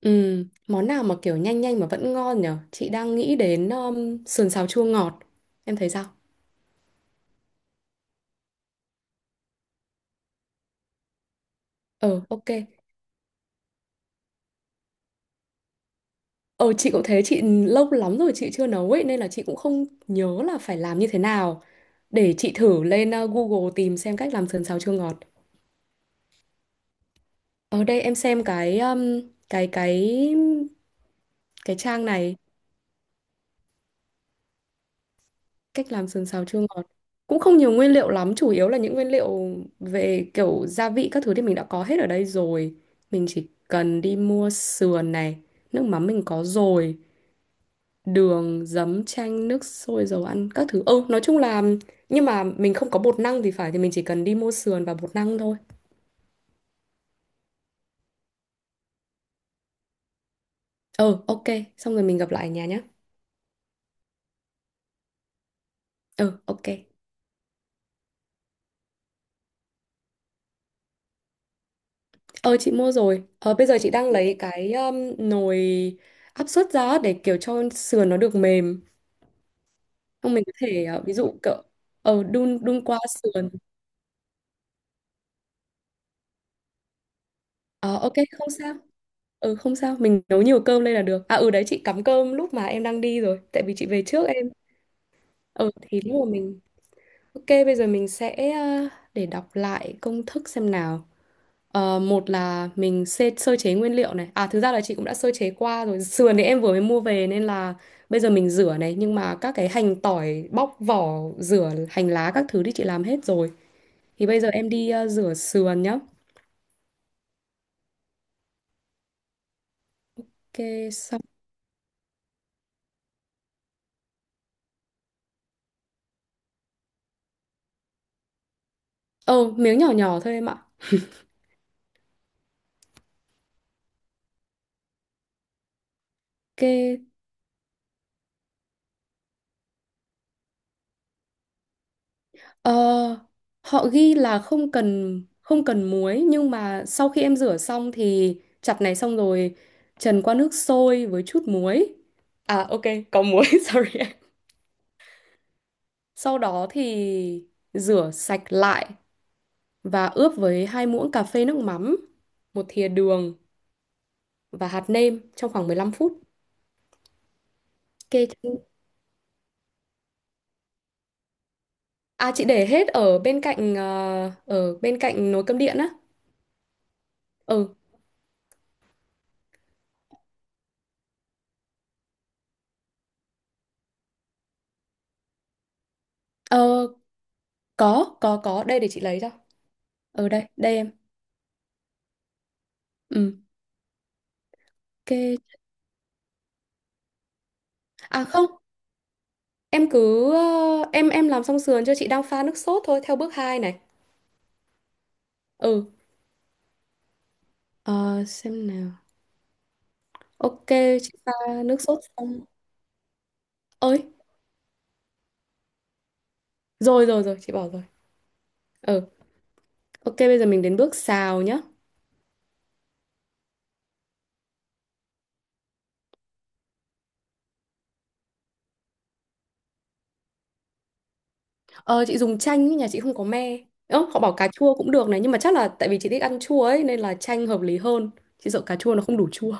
Ừ, món nào mà kiểu nhanh nhanh mà vẫn ngon nhở? Chị đang nghĩ đến sườn xào chua ngọt. Em thấy sao? Ờ, ok. Ờ, chị cũng thế, chị lâu lắm rồi chị chưa nấu ấy, nên là chị cũng không nhớ là phải làm như thế nào. Để chị thử lên Google tìm xem cách làm sườn xào chua ngọt. Ở đây em xem cái cái cái trang này, cách làm sườn xào chua ngọt cũng không nhiều nguyên liệu lắm, chủ yếu là những nguyên liệu về kiểu gia vị các thứ thì mình đã có hết ở đây rồi. Mình chỉ cần đi mua sườn này, nước mắm mình có rồi, đường giấm chanh nước sôi dầu ăn các thứ, ừ nói chung là nhưng mà mình không có bột năng thì phải, thì mình chỉ cần đi mua sườn và bột năng thôi. Ừ, ok, xong rồi mình gặp lại ở nhà nhé. Ừ, ok. Ờ, chị mua rồi. Ờ, bây giờ chị đang lấy cái nồi áp suất ra để kiểu cho sườn nó được mềm. Không mình có thể ví dụ cậu đun đun qua sườn. Ờ, ok, không sao. Ừ, không sao, mình nấu nhiều cơm lên là được, à ừ đấy chị cắm cơm lúc mà em đang đi rồi tại vì chị về trước em. Ờ thì lúc mà mình, ok bây giờ mình sẽ để đọc lại công thức xem nào. Ờ, một là mình sơ chế nguyên liệu này, à thực ra là chị cũng đã sơ chế qua rồi, sườn thì em vừa mới mua về nên là bây giờ mình rửa này, nhưng mà các cái hành tỏi bóc vỏ rửa hành lá các thứ thì chị làm hết rồi. Thì bây giờ em đi rửa sườn nhá. Kê xong. Ờ, miếng nhỏ nhỏ thôi em ạ. Kê, ờ, họ ghi là không cần muối, nhưng mà sau khi em rửa xong thì chặt này, xong rồi trần qua nước sôi với chút muối. À ok, có muối, sorry. Sau đó thì rửa sạch lại và ướp với 2 muỗng cà phê nước mắm, 1 thìa đường và hạt nêm trong khoảng 15 phút. Kê chân-, à chị để hết ở bên cạnh nồi cơm điện á. Ừ. Ờ, có, có, có. Đây để chị lấy cho. Ở đây, đây em. Ừ, ok. À không, em cứ... em làm xong sườn cho, chị đang pha nước sốt thôi, theo bước 2 này. Ừ. Ờ, xem nào. Ok, chị pha nước sốt xong. Ơi, rồi rồi rồi, chị bỏ rồi. Ừ, ok, bây giờ mình đến bước xào nhá. Ờ, chị dùng chanh, ý, nhà chị không có me. Ơ, họ bảo cà chua cũng được này, nhưng mà chắc là tại vì chị thích ăn chua ấy, nên là chanh hợp lý hơn. Chị sợ cà chua nó không đủ chua.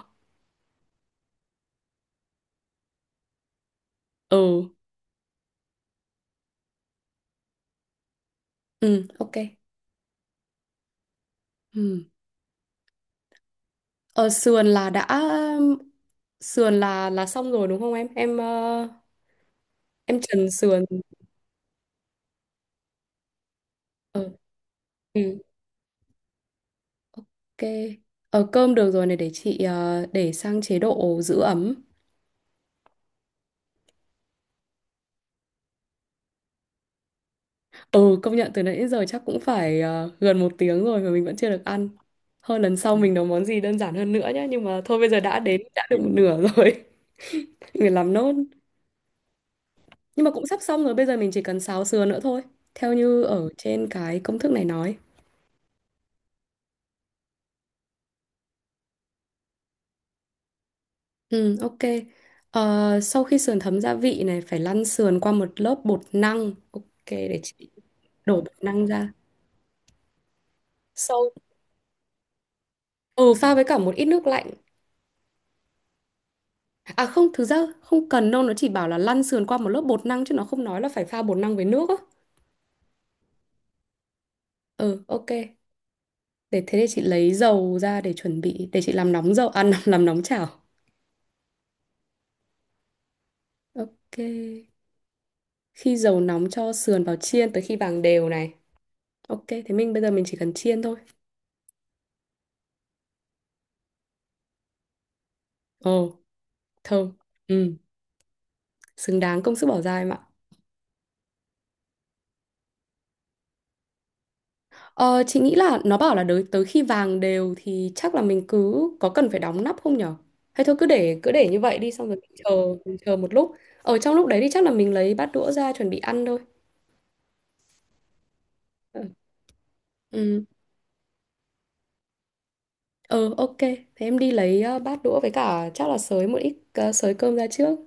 Ừ, ừ, ok. Ừ. Ờ, sườn là đã sườn là xong rồi đúng không em? Em trần sườn. Ờ, ừ, ok. Ờ, cơm được rồi này, để sang chế độ giữ ấm. Ừ, công nhận từ nãy đến giờ chắc cũng phải gần 1 tiếng rồi mà mình vẫn chưa được ăn. Hơn lần sau mình nấu món gì đơn giản hơn nữa nhá. Nhưng mà thôi bây giờ đã đến đã được một nửa rồi. Mình phải làm nốt. Nhưng mà cũng sắp xong rồi. Bây giờ mình chỉ cần xào sườn nữa thôi. Theo như ở trên cái công thức này nói. Ừ, ok. Ờ, sau khi sườn thấm gia vị này phải lăn sườn qua một lớp bột năng. Ok, để chị đổ bột năng ra. Sau ừ, Pha với cả một ít nước lạnh. À không, thực ra không cần đâu, nó chỉ bảo là lăn sườn qua một lớp bột năng chứ nó không nói là phải pha bột năng với nước á. Ừ, ok. Để thế, để chị lấy dầu ra để chuẩn bị, để chị làm nóng dầu, à làm nóng chảo. Ok. Khi dầu nóng cho sườn vào chiên tới khi vàng đều này. Ok, thế mình bây giờ mình chỉ cần chiên thôi. Ồ, thơm. Ừ, xứng đáng công sức bỏ ra em ạ. Ờ, chị nghĩ là nó bảo là tới tới khi vàng đều thì chắc là mình cứ có cần phải đóng nắp không nhở? Hay thôi cứ để như vậy đi, xong rồi mình chờ, mình chờ một lúc. Ở trong lúc đấy thì chắc là mình lấy bát đũa ra chuẩn bị ăn thôi. Ừ. Ừ, ờ, ok. Thế em đi lấy bát đũa với cả chắc là sới một ít, sới cơm ra trước.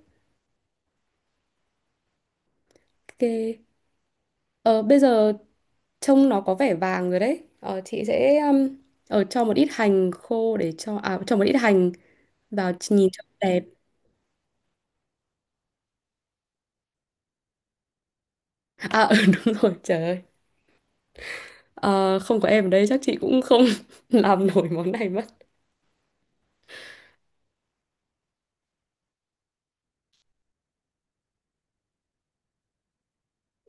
Ok. Ờ, bây giờ trông nó có vẻ vàng rồi đấy. Ờ, chị sẽ cho một ít hành khô, để cho, à cho một ít hành vào nhìn cho đẹp. À ừ, đúng rồi trời ơi. Ờ, không có em ở đây chắc chị cũng không làm nổi món này mất.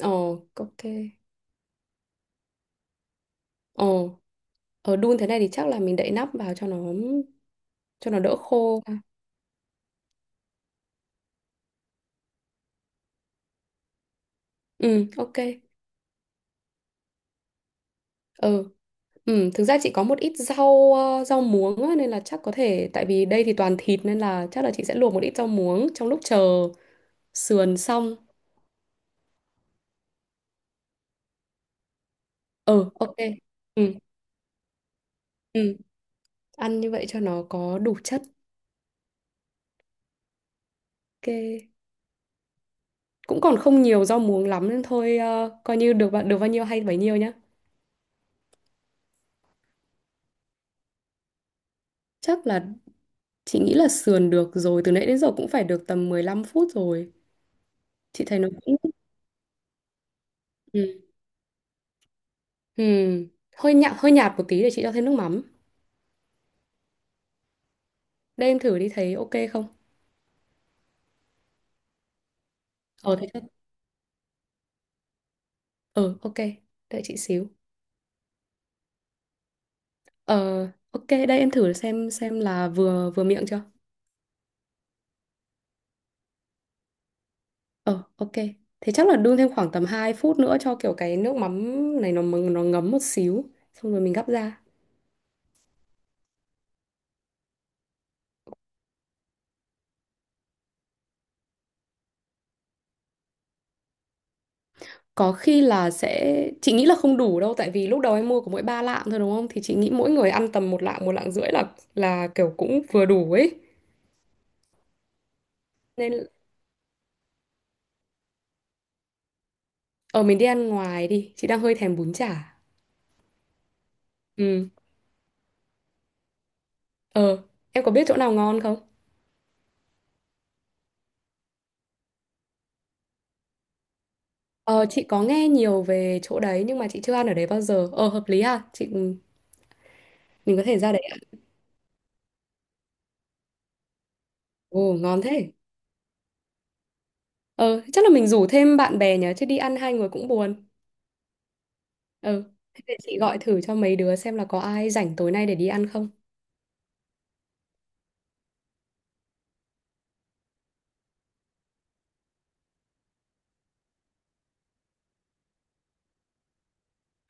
Ồ, ok. Ồ, ở đun thế này thì chắc là mình đậy nắp vào cho nó, cho nó đỡ khô. À, ừ, ok. Ừ, ừ, thực ra chị có một ít rau, rau muống á, nên là chắc có thể, tại vì đây thì toàn thịt nên là chắc là chị sẽ luộc một ít rau muống trong lúc chờ sườn xong. Ừ, ok. Ừ, ừ, ăn như vậy cho nó có đủ chất. Ok. Cũng còn không nhiều rau muống lắm nên thôi, ờ, coi như được bao-, được bao nhiêu hay bấy nhiêu nhá. Chắc là chị nghĩ là sườn được rồi, từ nãy đến giờ cũng phải được tầm 15 phút rồi. Chị thấy nó cũng, ừ. Ừ. hơi nhạt một tí, để chị cho thêm nước mắm. Đây em thử đi, thấy ok không? Ờ thế chắc. Ờ ok. Đợi chị xíu. Ờ ok, đây em thử xem là vừa vừa miệng chưa? Ờ ok. Thế chắc là đun thêm khoảng tầm 2 phút nữa cho kiểu cái nước mắm này nó ngấm một xíu, xong rồi mình gắp ra. Có khi là sẽ, chị nghĩ là không đủ đâu, tại vì lúc đầu em mua có mỗi 3 lạng thôi đúng không? Thì chị nghĩ mỗi người ăn tầm 1 lạng, 1 lạng rưỡi là kiểu cũng vừa đủ ấy. Nên ở mình đi ăn ngoài đi, chị đang hơi thèm bún chả. Ừ. Ờ, em có biết chỗ nào ngon không? Ờ chị có nghe nhiều về chỗ đấy nhưng mà chị chưa ăn ở đấy bao giờ. Ờ hợp lý ha. Mình có thể ra đấy ăn. Ồ ngon thế. Ờ chắc là mình rủ thêm bạn bè nhỉ chứ đi ăn hai người cũng buồn. ờ Thế để chị gọi thử cho mấy đứa xem là có ai rảnh tối nay để đi ăn không.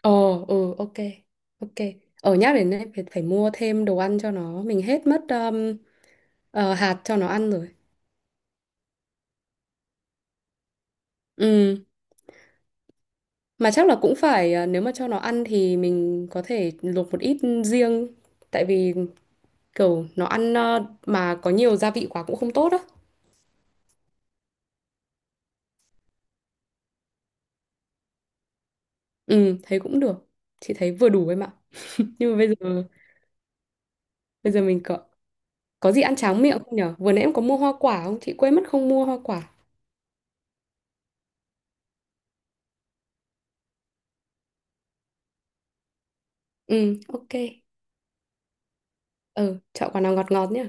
Ờ, ừ, ok, ok. Ở nhắc đến này, phải, phải mua thêm đồ ăn cho nó. Mình hết mất hạt cho nó ăn rồi. Ừ, mà chắc là cũng phải, ờ, nếu mà cho nó ăn thì mình có thể luộc một ít riêng. Tại vì kiểu nó ăn, ờ, mà có nhiều gia vị quá cũng không tốt á. Ừ, thấy cũng được. Chị thấy vừa đủ em ạ. Nhưng mà bây giờ mình có gì ăn tráng miệng không nhở? Vừa nãy em có mua hoa quả không? Chị quên mất không mua hoa quả. Ừ, ok. Ừ, chọn quả nào ngọt ngọt nhá.